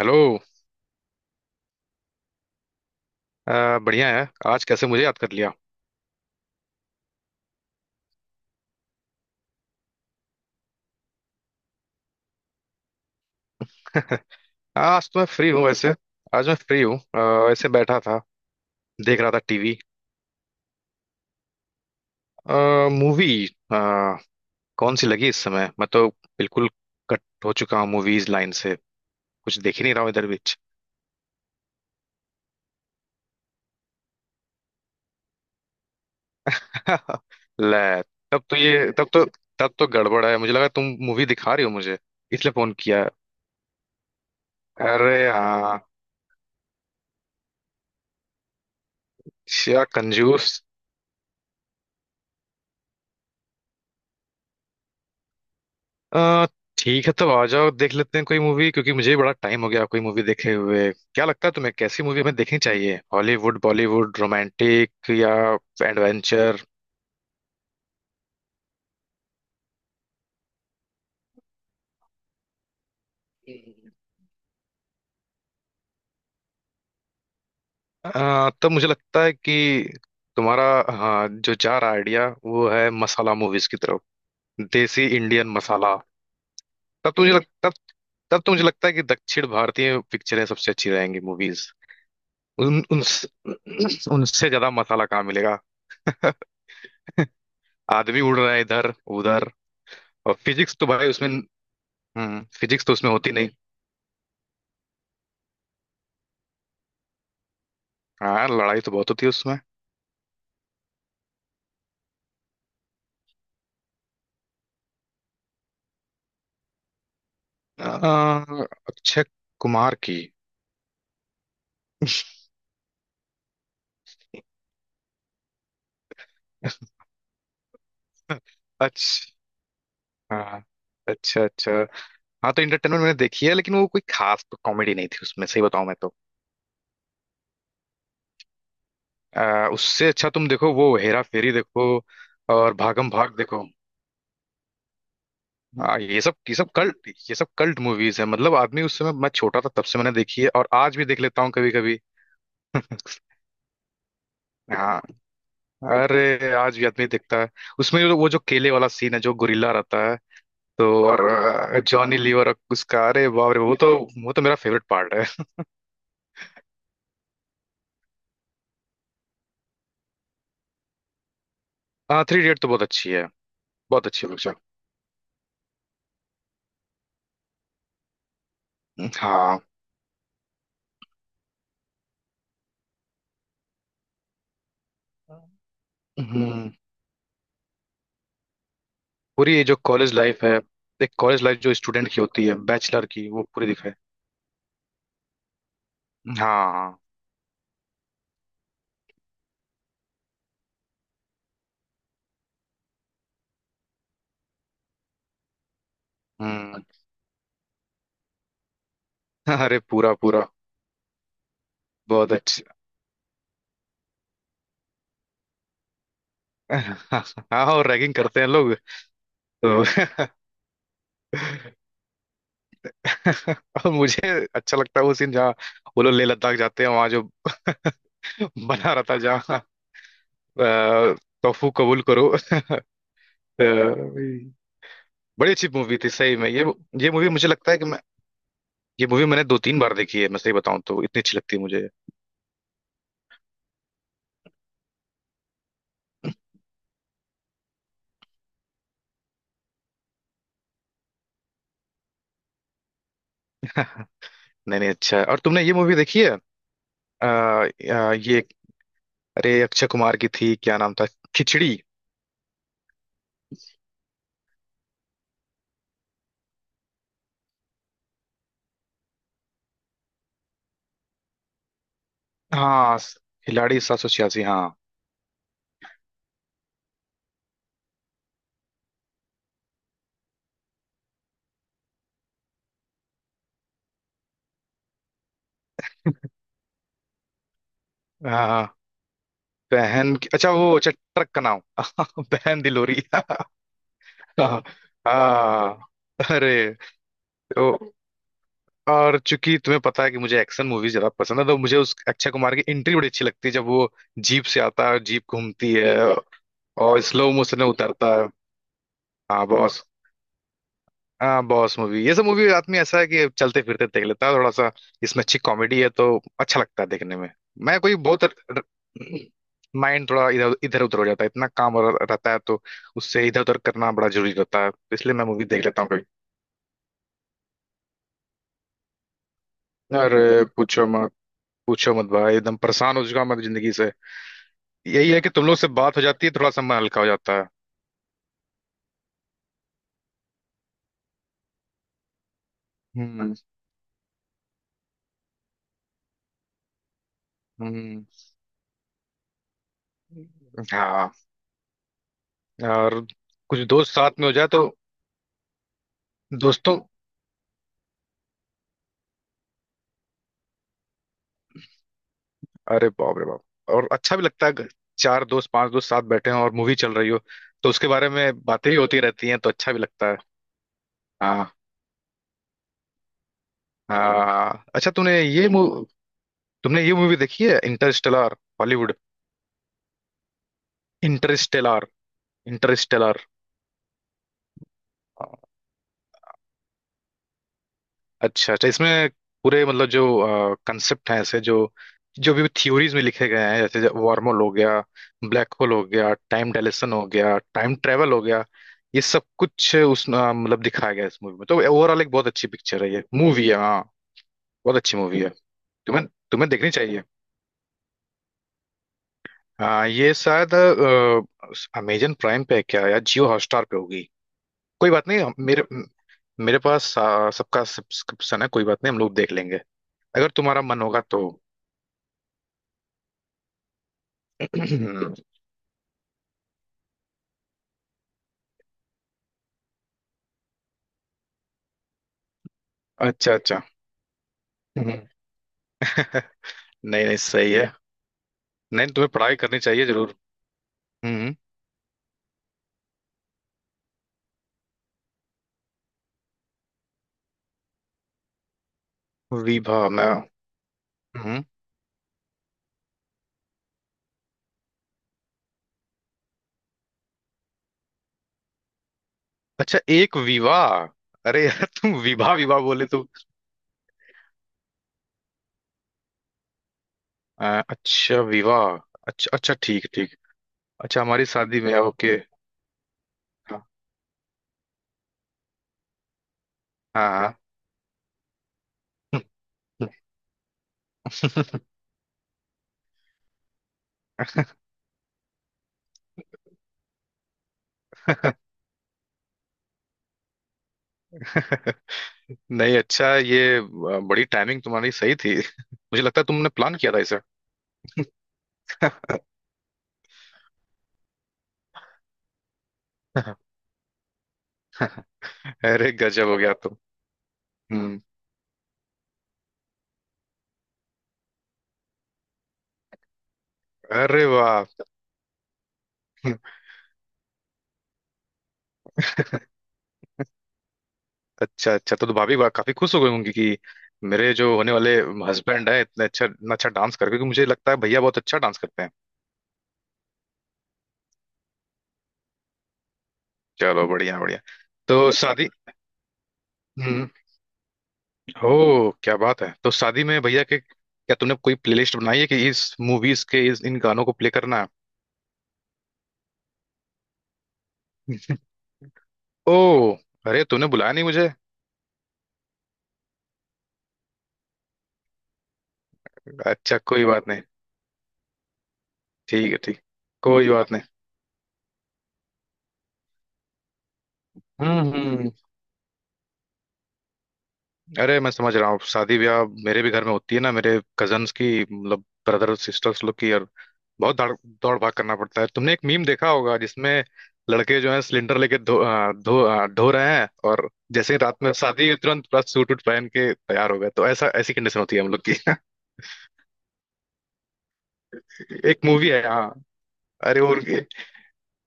Hello. बढ़िया है। आज कैसे मुझे याद कर लिया? आज तो मैं फ्री हूँ वैसे। आज मैं फ्री हूँ, ऐसे बैठा था, देख रहा था टीवी। मूवी कौन सी लगी इस समय? मैं तो बिल्कुल कट हो चुका हूँ मूवीज लाइन से, कुछ देख ही नहीं रहा हूँ इधर बीच। ले, तब तो तब तो गड़बड़ है, मुझे लगा तुम मूवी दिखा रही हो मुझे, इसलिए फोन किया। अरे हाँ। क्या कंजूस! अ, ठीक है, तब आ जाओ, देख लेते हैं कोई मूवी, क्योंकि मुझे भी बड़ा टाइम हो गया कोई मूवी देखे हुए। क्या लगता है तुम्हें, कैसी मूवी हमें देखनी चाहिए? हॉलीवुड, बॉलीवुड, रोमांटिक या एडवेंचर? तब मुझे लगता है कि तुम्हारा हाँ जो जा रहा आइडिया, वो है मसाला मूवीज की तरफ। देसी इंडियन मसाला। तब तब तो मुझे लगता है कि दक्षिण भारतीय पिक्चरें सबसे अच्छी रहेंगी, मूवीज। उन उन उनसे ज्यादा मसाला कहाँ मिलेगा? आदमी उड़ रहे हैं इधर उधर। और फिजिक्स तो भाई उसमें, हम्म, फिजिक्स तो उसमें होती नहीं। हाँ, लड़ाई तो बहुत होती है उसमें। अ, अक्षय कुमार की। अच्छा। हाँ। अच्छा अच्छा। हाँ, तो इंटरटेनमेंट मैंने देखी है, लेकिन वो कोई खास तो कॉमेडी नहीं थी उसमें, सही बताऊं मैं तो। उससे अच्छा तुम देखो वो हेरा फेरी देखो। और भागम भाग देखो। हाँ, ये सब कल्ट ये सब कल्ट मूवीज है, मतलब आदमी उस समय मैं छोटा था तब से मैंने देखी है, और आज भी देख लेता हूँ कभी कभी। हाँ। अरे आज भी आदमी दिखता है, उसमें वो जो केले वाला सीन है, जो गोरिल्ला रहता है। तो और जॉनी लीवर और उसका, अरे बाप रे, वो तो, वो तो मेरा फेवरेट पार्ट है। हाँ, थ्री इडियट तो बहुत अच्छी है। बहुत अच्छी पिक्चर। हाँ। हम्म। पूरी ये जो कॉलेज लाइफ है, एक कॉलेज लाइफ जो स्टूडेंट की होती है, बैचलर की, वो पूरी दिखाई। हाँ। हम्म। अरे पूरा पूरा, बहुत अच्छा। हाँ, और रैगिंग करते हैं लोग। तो और मुझे अच्छा लगता है वो सीन जहाँ वो लोग लेह लद्दाख जाते हैं, वहां जो बना रहा था जहाँ, अ, तोफू कबूल करो। अ, बड़ी अच्छी मूवी थी सही में ये। ये मूवी मुझे लगता है कि मैं ये मूवी मैंने दो तीन बार देखी है, मैं सही बताऊं तो, इतनी अच्छी लगती है मुझे। नहीं नहीं, अच्छा है। और तुमने ये मूवी देखी है? आ, आ, ये, अरे अक्षय कुमार की थी, क्या नाम था, खिचड़ी। हाँ, खिलाड़ी सात सौ छियासी, हाँ। हाँ हाँ। बहन की, अच्छा वो, अच्छा ट्रक का नाम। बहन दिलोरी। हाँ। हाँ। अरे, तो, और चूंकि तुम्हें पता है कि मुझे एक्शन मूवीज ज्यादा पसंद है, तो मुझे उस अक्षय कुमार की एंट्री बड़ी अच्छी लगती है, जब वो जीप से आता है, जीप घूमती है, और स्लो मोशन में उतरता है। हाँ, बहुत। हाँ, बॉस मूवी, ये सब मूवी रात में ऐसा है कि चलते फिरते देख लेता है थोड़ा सा। इसमें अच्छी कॉमेडी है तो अच्छा लगता है देखने में। मैं कोई बहुत माइंड थोड़ा इधर इधर उधर हो जाता है, इतना काम रहता है, तो उससे इधर उधर करना बड़ा जरूरी रहता है, तो इसलिए मैं मूवी देख लेता हूँ कभी। अरे पूछो मत, पूछो मत भाई, एकदम परेशान हो चुका हूं मैं जिंदगी से। यही है कि तुम लोग से बात हो जाती है, थोड़ा सा मन हल्का हो जाता है। हम्म। हम्म। हाँ, और कुछ दोस्त साथ में हो जाए तो दोस्तों, अरे बाप रे बाप, और अच्छा भी लगता है अगर चार दोस्त, पांच दोस्त साथ बैठे हैं और मूवी चल रही हो, तो उसके बारे में बातें ही होती रहती हैं, तो अच्छा भी लगता है। हाँ। हाँ, अच्छा, तुमने ये मूवी देखी है, इंटरस्टेलर? हॉलीवुड। इंटरस्टेलर। इंटरस्टेलर, अच्छा अच्छा, इसमें पूरे मतलब जो कंसेप्ट हैं, ऐसे जो जो भी थ्योरीज में लिखे गए हैं, जैसे वार्म होल हो गया, ब्लैक होल हो गया, टाइम डायलेशन हो गया, टाइम ट्रेवल हो गया, ये सब कुछ उस मतलब दिखाया गया है इस मूवी में, तो ओवरऑल एक बहुत अच्छी पिक्चर है, ये मूवी है। हाँ, बहुत अच्छी मूवी है, तुम्हें तुम्हें देखनी चाहिए। हाँ, ये शायद अमेजन प्राइम पे है क्या, या जियो हॉटस्टार पे होगी। कोई बात नहीं, मेरे पास सबका सब्सक्रिप्शन है, कोई बात नहीं, हम लोग देख लेंगे अगर तुम्हारा मन होगा तो। अच्छा अच्छा। हम्म। नहीं नहीं, सही है। नहीं, तुम्हें पढ़ाई करनी चाहिए जरूर। हम्म। विभा, मैं, हम्म, अच्छा, एक विवाह, अरे यार तुम विवाह विवाह बोले तुम, अ, अच्छा विवाह। अच्छा अच्छा, ठीक ठीक। अच्छा, हमारी शादी में, ओके। हाँ हाँ। नहीं अच्छा ये बड़ी टाइमिंग तुम्हारी सही थी। मुझे लगता है तुमने प्लान किया था इसे। अरे गजब हो गया तुम। हम्म। अरे वाह। अच्छा अच्छा, तो भाभी काफी खुश हो गई होंगी कि मेरे जो होने वाले हस्बैंड है, इतने अच्छा, इतना अच्छा डांस करके, क्योंकि मुझे लगता है भैया बहुत अच्छा डांस करते हैं। चलो बढ़िया बढ़िया। तो शादी, हम्म, हो, क्या बात है, तो शादी में भैया के क्या तूने कोई प्लेलिस्ट बनाई है कि इस मूवीज के, इस इन गानों को प्ले करना है? ओ, अरे तूने बुलाया नहीं मुझे। अच्छा कोई बात नहीं, ठीक है ठीक, कोई बात नहीं। हम्म। हम्म। अरे मैं समझ रहा हूँ, शादी ब्याह मेरे भी घर में होती है ना, मेरे कजन्स की, मतलब ब्रदर सिस्टर्स लोग की, और बहुत दौड़ दौड़ भाग करना पड़ता है। तुमने एक मीम देखा होगा जिसमें लड़के जो है सिलेंडर लेके ढो रहे हैं, और जैसे ही रात में शादी है, तुरंत पूरा सूट वूट पहन के तैयार हो गए, तो ऐसा, ऐसी कंडीशन होती है हम लोग की। एक मूवी है हाँ, अरे वो उनकी-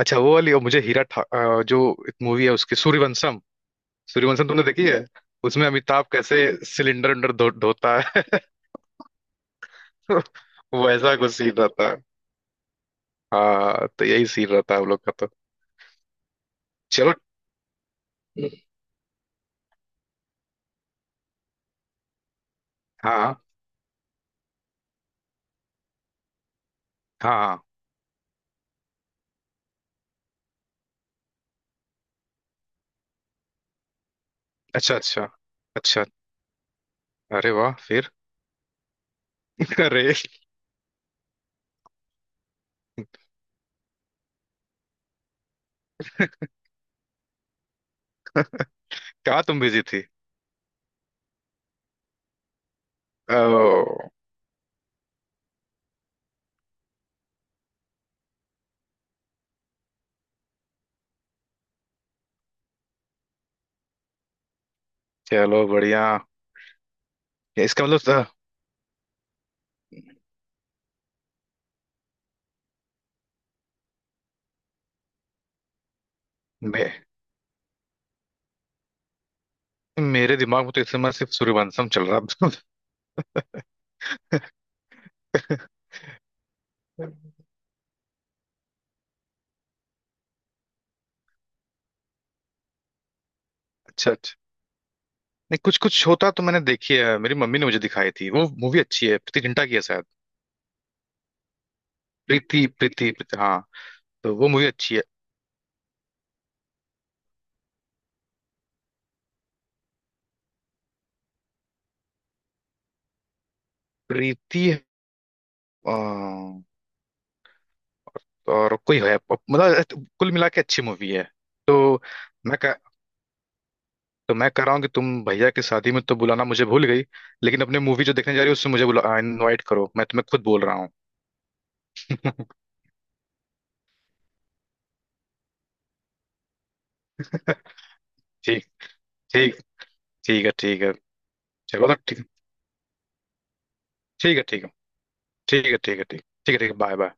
अच्छा वो वाली, और मुझे जो एक मूवी है उसकी, सूर्यवंशम। सूर्यवंशम तुमने देखी है? उसमें अमिताभ कैसे सिलेंडर उलेंडर धोता है। वो ऐसा कुछ सीन रहता है, हाँ, तो यही सीन रहता है हम लोग का तो। चलो। हाँ हाँ हाँ। अच्छा अच्छा अच्छा। अरे वाह, फिर। अरे। कहाँ, तुम बिजी थी? ओ, चलो बढ़िया। इसका मतलब था, मैं मेरे दिमाग में तो इस समय सिर्फ सूर्यवंशम चल रहा है। अच्छा अच्छा। नहीं, कुछ कुछ होता तो मैंने देखी है, मेरी मम्मी ने मुझे दिखाई थी, वो मूवी अच्छी है, प्रीति जिंटा की है शायद। प्रीति प्रीति प्रीति, हाँ, तो वो मूवी अच्छी है। प्रीति, अ, और कोई है, मतलब कुल मिला के अच्छी मूवी है। तो मैं कह तो मैं कह रहा हूँ कि तुम भैया की शादी में तो बुलाना मुझे भूल गई, लेकिन अपने मूवी जो देखने जा रही हो उसमें मुझे बुला, इनवाइट करो, मैं तुम्हें खुद बोल रहा हूँ। ठीक, ठीक, ठीक है, ठीक है। चलो तो ठीक, ठीक है, ठीक है, ठीक है, ठीक है, ठीक है, ठीक है, बाय बाय।